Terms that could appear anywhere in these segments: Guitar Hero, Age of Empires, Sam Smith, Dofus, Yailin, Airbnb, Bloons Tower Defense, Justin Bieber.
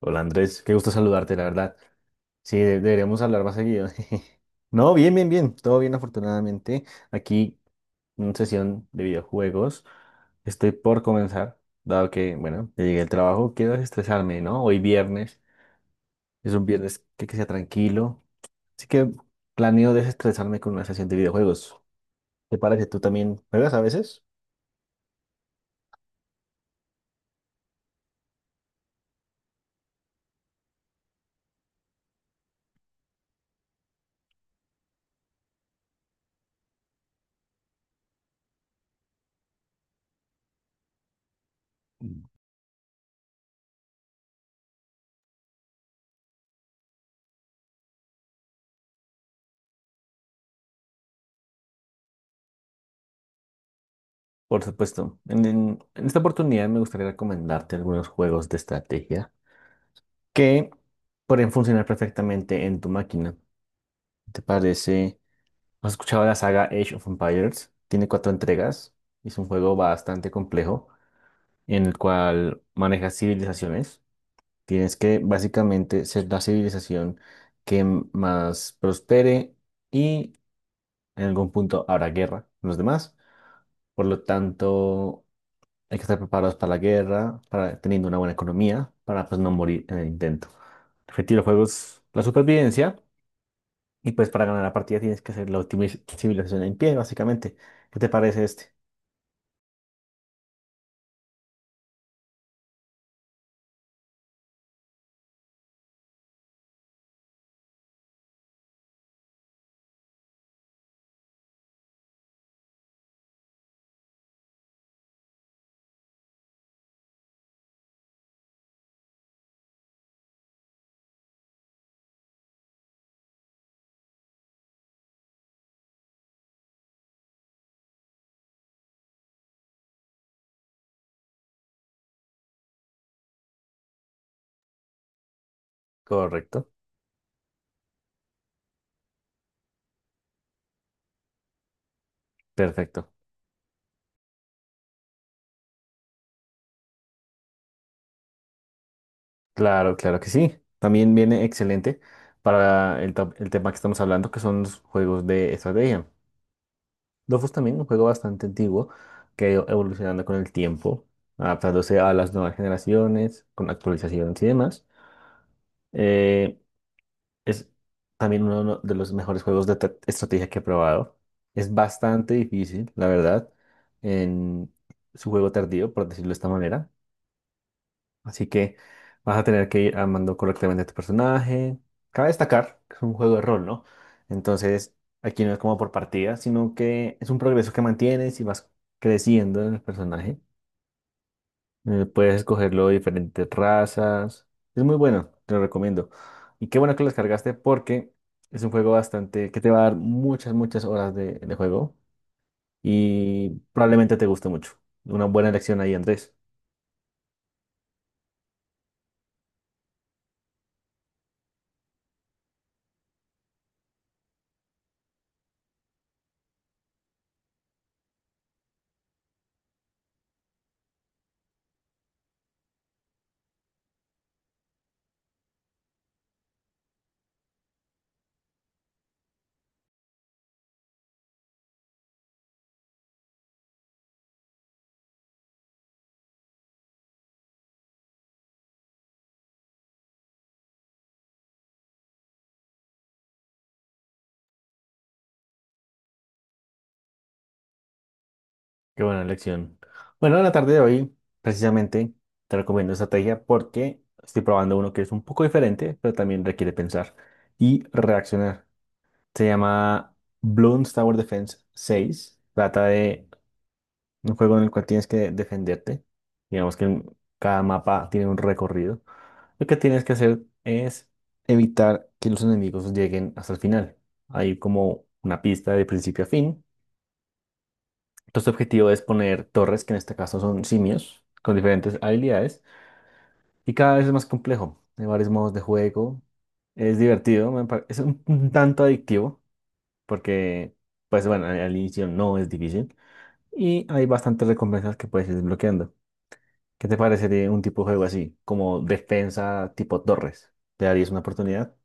Hola Andrés, qué gusto saludarte, la verdad. Sí, deberíamos hablar más seguido. No, bien, bien, bien. Todo bien, afortunadamente. Aquí, una sesión de videojuegos. Estoy por comenzar, dado que, bueno, ya llegué al trabajo, quiero desestresarme, ¿no? Hoy viernes, es un viernes que sea tranquilo. Así que planeo desestresarme con una sesión de videojuegos. ¿Te parece? ¿Tú también juegas a veces? Por supuesto. En esta oportunidad me gustaría recomendarte algunos juegos de estrategia que pueden funcionar perfectamente en tu máquina. ¿Te parece? ¿Has escuchado la saga Age of Empires? Tiene cuatro entregas. Es un juego bastante complejo en el cual manejas civilizaciones. Tienes que básicamente ser la civilización que más prospere y en algún punto habrá guerra con los demás. Por lo tanto, hay que estar preparados para la guerra, para teniendo una buena economía, para pues, no morir en el intento. El objetivo del juego es la supervivencia. Y pues para ganar la partida tienes que hacer la última civilización en pie, básicamente. ¿Qué te parece este? Correcto. Perfecto. Claro, claro que sí. También viene excelente para el tema que estamos hablando, que son los juegos de estrategia. Dofus también, un juego bastante antiguo que ha ido evolucionando con el tiempo, adaptándose a las nuevas generaciones, con actualizaciones y demás. Eh, Es también uno de los mejores juegos de estrategia que he probado. Es bastante difícil, la verdad, en su juego tardío, por decirlo de esta manera. Así que vas a tener que ir armando correctamente a tu personaje. Cabe destacar que es un juego de rol, ¿no? Entonces, aquí no es como por partida, sino que es un progreso que mantienes y vas creciendo en el personaje. Puedes escogerlo de diferentes razas. Es muy bueno, te lo recomiendo. Y qué bueno que lo descargaste porque es un juego bastante que te va a dar muchas, muchas horas de juego y probablemente te guste mucho. Una buena elección ahí, Andrés. Qué buena elección. Bueno, en la tarde de hoy, precisamente, te recomiendo estrategia porque estoy probando uno que es un poco diferente, pero también requiere pensar y reaccionar. Se llama Bloons Tower Defense 6. Trata de un juego en el cual tienes que defenderte. Digamos que cada mapa tiene un recorrido. Lo que tienes que hacer es evitar que los enemigos lleguen hasta el final. Hay como una pista de principio a fin. Entonces, tu objetivo es poner torres, que en este caso son simios, con diferentes habilidades. Y cada vez es más complejo. Hay varios modos de juego. Es divertido. Es un tanto adictivo. Porque, pues bueno, al inicio no es difícil. Y hay bastantes recompensas que puedes ir desbloqueando. ¿Qué te parecería un tipo de juego así, como defensa tipo Torres? ¿Te darías una oportunidad?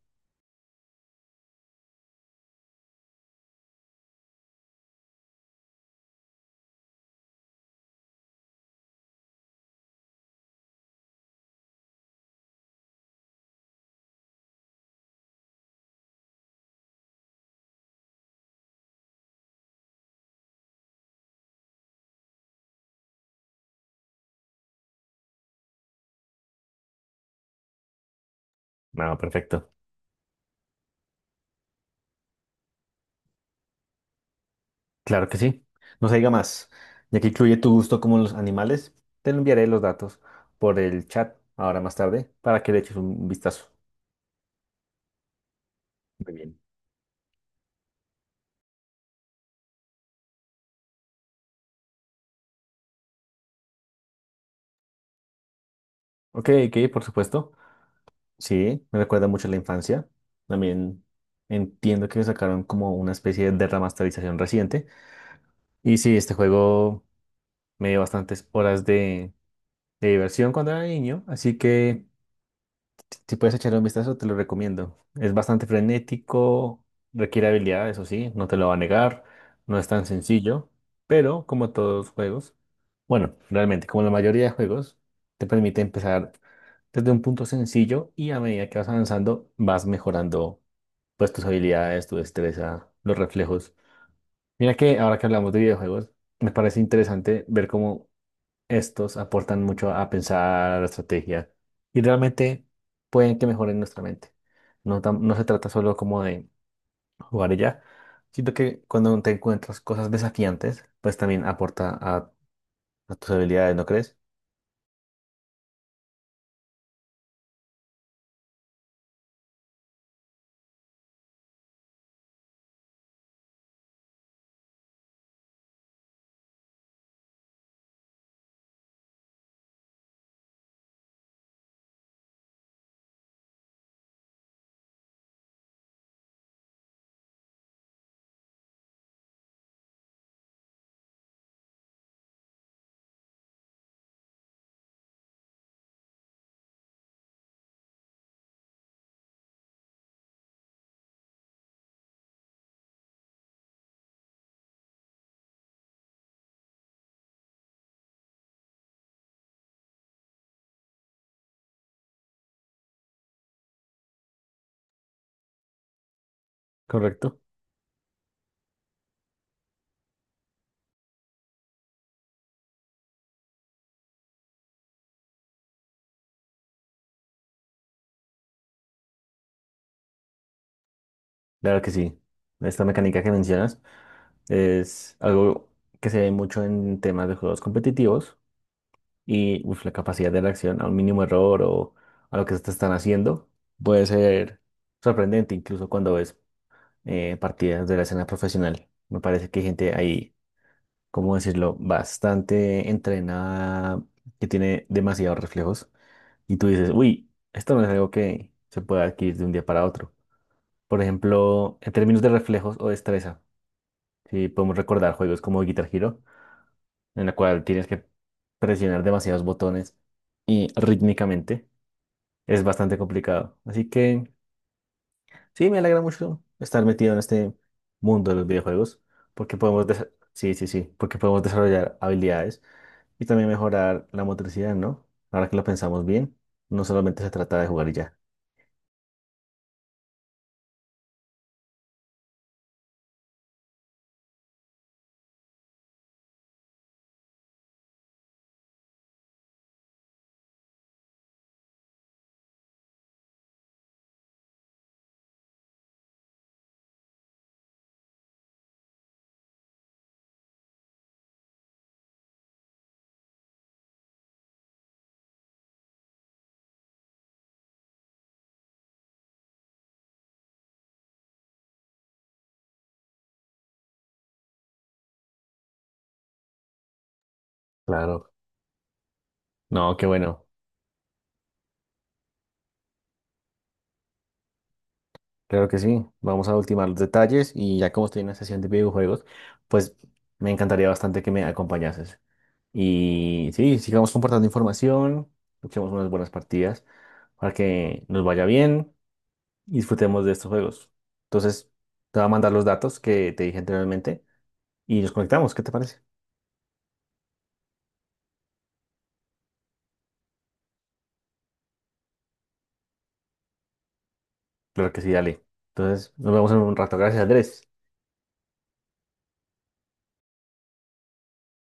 No, perfecto. Claro que sí. No se diga más. Ya que incluye tu gusto como los animales, te lo enviaré los datos por el chat ahora más tarde para que le eches un vistazo. Muy bien. Ok, ok, por supuesto. Sí, me recuerda mucho a la infancia. También entiendo que me sacaron como una especie de remasterización reciente. Y sí, este juego me dio bastantes horas de diversión cuando era niño, así que si puedes echarle un vistazo, te lo recomiendo. Es bastante frenético, requiere habilidad, eso sí, no te lo va a negar, no es tan sencillo, pero como todos los juegos, bueno, realmente como la mayoría de juegos, te permite empezar desde un punto sencillo y a medida que vas avanzando, vas mejorando pues tus habilidades, tu destreza, los reflejos. Mira que ahora que hablamos de videojuegos, me parece interesante ver cómo estos aportan mucho a pensar a la estrategia y realmente pueden que mejoren nuestra mente. No, no se trata solo como de jugar y ya, sino que cuando te encuentras cosas desafiantes, pues también aporta a tus habilidades, ¿no crees? Correcto. Claro que sí. Esta mecánica que mencionas es algo que se ve mucho en temas de juegos competitivos y uf, la capacidad de reacción a un mínimo error o a lo que te están haciendo puede ser sorprendente incluso cuando ves partidas de la escena profesional. Me parece que hay gente ahí, ¿cómo decirlo?, bastante entrenada, que tiene demasiados reflejos. Y tú dices, uy, esto no es algo que se pueda adquirir de un día para otro. Por ejemplo, en términos de reflejos o destreza, si podemos recordar juegos como Guitar Hero, en la cual tienes que presionar demasiados botones y rítmicamente, es bastante complicado. Así que… Sí, me alegra mucho estar metido en este mundo de los videojuegos, porque podemos, desa- sí, sí, sí, porque podemos desarrollar habilidades y también mejorar la motricidad, ¿no? Ahora que lo pensamos bien, no solamente se trata de jugar y ya. Claro. No, qué bueno. Claro que sí. Vamos a ultimar los detalles y ya como estoy en la sesión de videojuegos, pues me encantaría bastante que me acompañases. Y sí, sigamos compartiendo información, luchemos unas buenas partidas para que nos vaya bien y disfrutemos de estos juegos. Entonces, te voy a mandar los datos que te dije anteriormente y nos conectamos. ¿Qué te parece? Claro que sí, dale. Entonces, nos vemos en un rato. Gracias, Andrés.